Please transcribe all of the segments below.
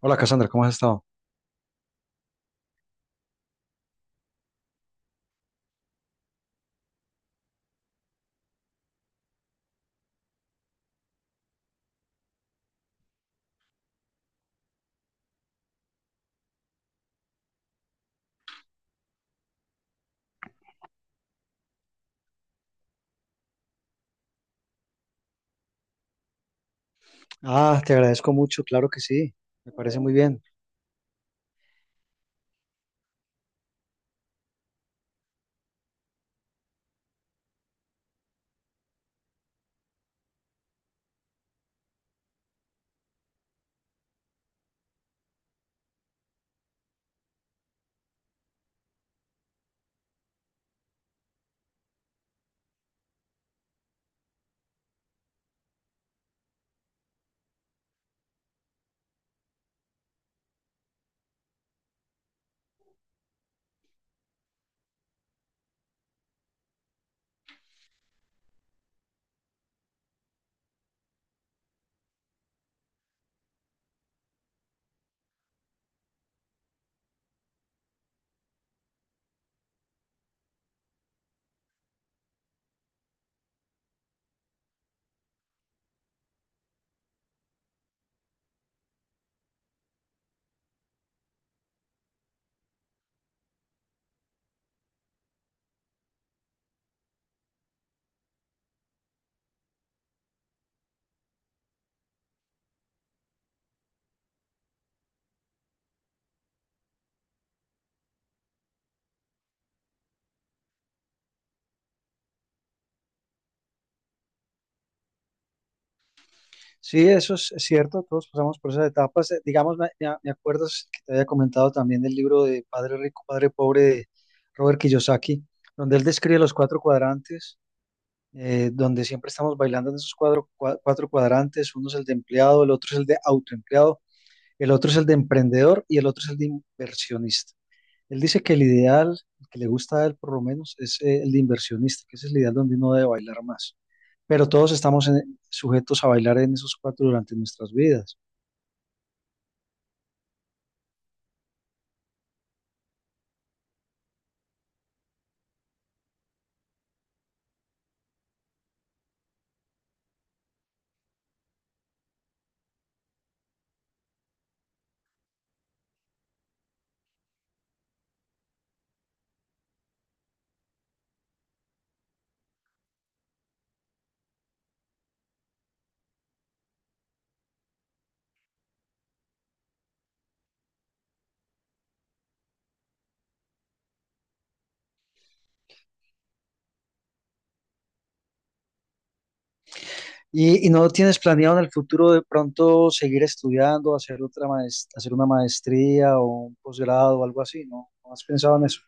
Hola Cassandra, ¿cómo has estado? Ah, te agradezco mucho, claro que sí, me parece muy bien. Sí, eso es cierto, todos pasamos por esas etapas. Digamos, me acuerdas que te había comentado también del libro de Padre Rico, Padre Pobre de Robert Kiyosaki, donde él describe los cuatro cuadrantes, donde siempre estamos bailando en esos cuatro cuadrantes. Uno es el de empleado, el otro es el de autoempleado, el otro es el de emprendedor y el otro es el de inversionista. Él dice que el ideal, el que le gusta a él por lo menos, es el de inversionista, que ese es el ideal donde uno debe bailar más. Pero todos estamos sujetos a bailar en esos cuatro durante nuestras vidas. Y no tienes planeado en el futuro de pronto seguir estudiando, hacer otra hacer una maestría o un posgrado o algo así, ¿no? ¿No has pensado en eso?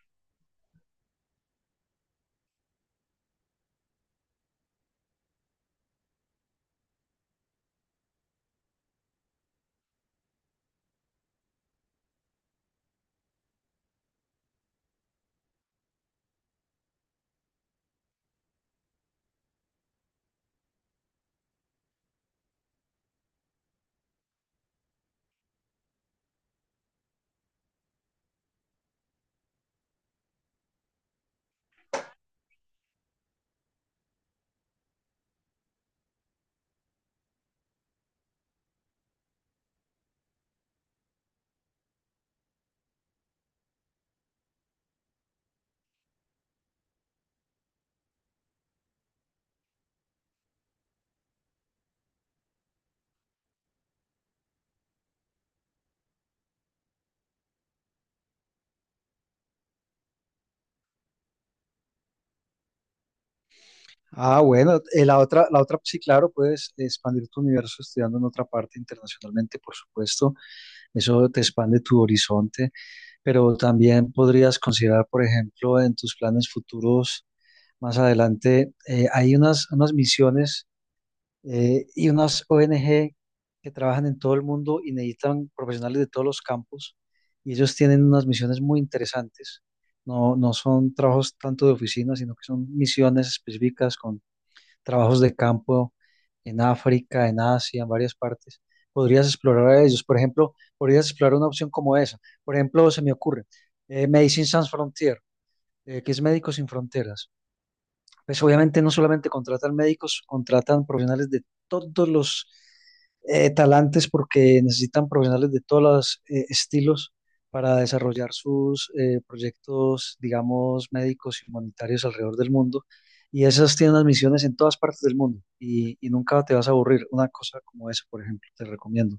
Ah, bueno, la otra, sí, claro, puedes expandir tu universo estudiando en otra parte internacionalmente, por supuesto. Eso te expande tu horizonte. Pero también podrías considerar, por ejemplo, en tus planes futuros más adelante, hay unas, unas misiones y unas ONG que trabajan en todo el mundo y necesitan profesionales de todos los campos y ellos tienen unas misiones muy interesantes. No, no son trabajos tanto de oficina, sino que son misiones específicas, trabajos de campo en África, en Asia, en varias partes. Podrías explorar a ellos. Por ejemplo, podrías explorar una opción como esa. Por ejemplo, se me ocurre Medicine Sans Frontier, que es Médicos Sin Fronteras. Pues obviamente no solamente contratan médicos, contratan profesionales de todos los talantes porque necesitan profesionales de todos los estilos para desarrollar sus proyectos, digamos, médicos y humanitarios alrededor del mundo. Y esas tienen unas misiones en todas partes del mundo y nunca te vas a aburrir. Una cosa como esa, por ejemplo, te recomiendo.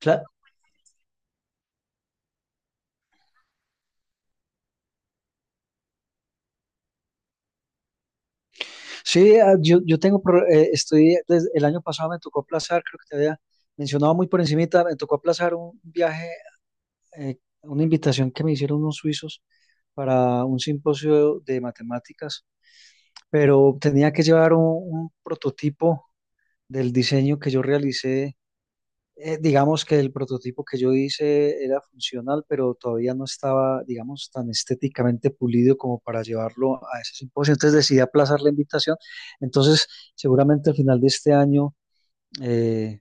Claro. Sí, yo, yo tengo, estoy, desde el año pasado me tocó aplazar, creo que te había mencionado muy por encimita, me tocó aplazar un viaje, una invitación que me hicieron unos suizos para un simposio de matemáticas, pero tenía que llevar un prototipo del diseño que yo realicé. Digamos que el prototipo que yo hice era funcional, pero todavía no estaba, digamos, tan estéticamente pulido como para llevarlo a ese simposio. Entonces decidí aplazar la invitación. Entonces, seguramente al final de este año eh,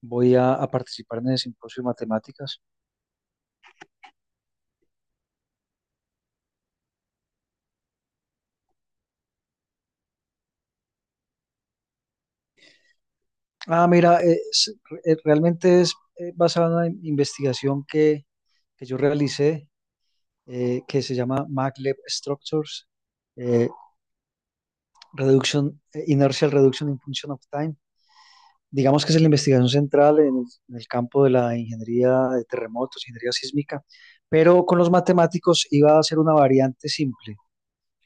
voy a participar en el simposio de matemáticas. Ah, mira, realmente es basada en una investigación que yo realicé, que se llama maglev Structures, eh, Reduction, Inertial Reduction in Function of Time. Digamos que es la investigación central en el campo de la ingeniería de terremotos, ingeniería sísmica, pero con los matemáticos iba a ser una variante simple.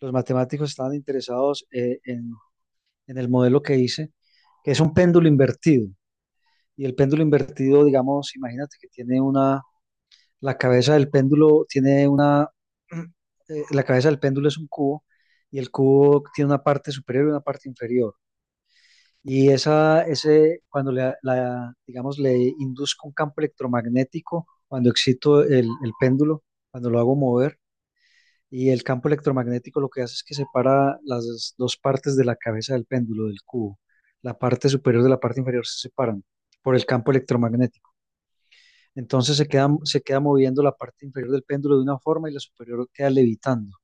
Los matemáticos estaban interesados en en el modelo que hice, que es un péndulo invertido. Y el péndulo invertido, digamos, imagínate que tiene una, la cabeza del péndulo tiene una, la cabeza del péndulo es un cubo y el cubo tiene una parte superior y una parte inferior. Y esa, ese, cuando le, la, digamos, le induzco un campo electromagnético, cuando excito el péndulo, cuando lo hago mover, y el campo electromagnético lo que hace es que separa las dos partes de la cabeza del péndulo, del cubo. La parte superior de la parte inferior se separan por el campo electromagnético. Entonces se queda moviendo la parte inferior del péndulo de una forma y la superior queda levitando,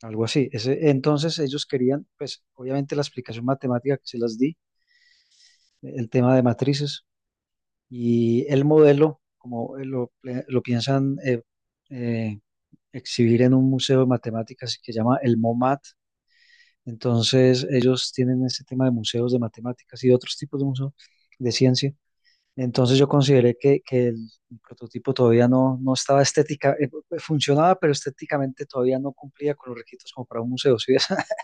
algo así. Entonces ellos querían, pues obviamente la explicación matemática que se las di, el tema de matrices y el modelo, como lo piensan eh, exhibir en un museo de matemáticas que se llama el MOMAT. Entonces ellos tienen ese tema de museos de matemáticas y de otros tipos de museos de ciencia. Entonces yo consideré que el prototipo todavía no, no estaba funcionaba, pero estéticamente todavía no cumplía con los requisitos como para un museo, ¿sí ves?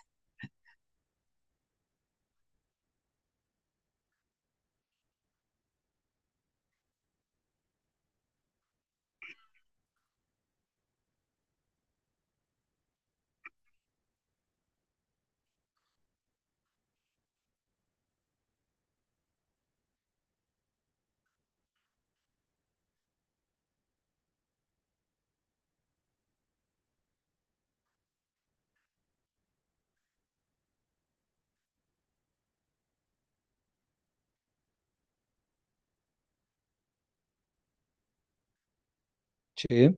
Sí.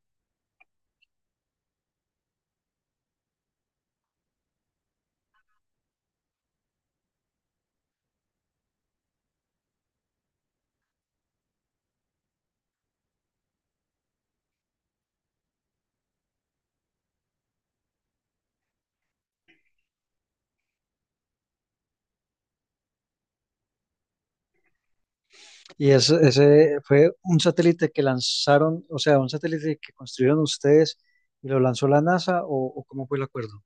Y ese fue un satélite que lanzaron, o sea, un satélite que construyeron ustedes y lo lanzó la NASA, o cómo fue el acuerdo?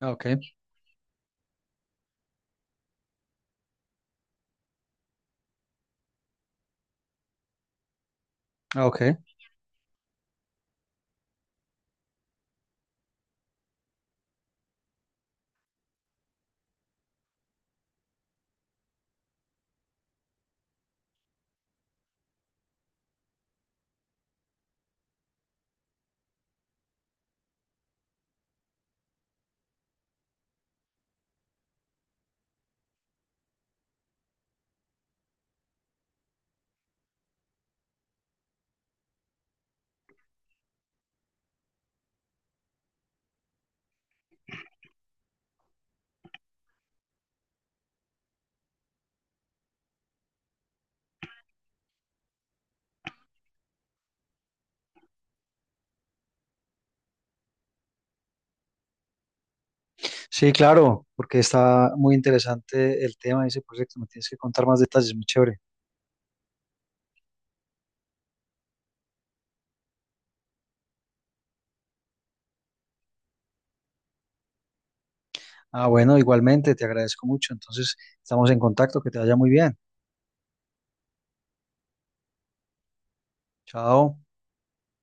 Ah, ok, ah, ok. Sí, claro, porque está muy interesante el tema de ese proyecto, me tienes que contar más detalles, muy chévere. Ah, bueno, igualmente, te agradezco mucho, entonces estamos en contacto, que te vaya muy bien. Chao.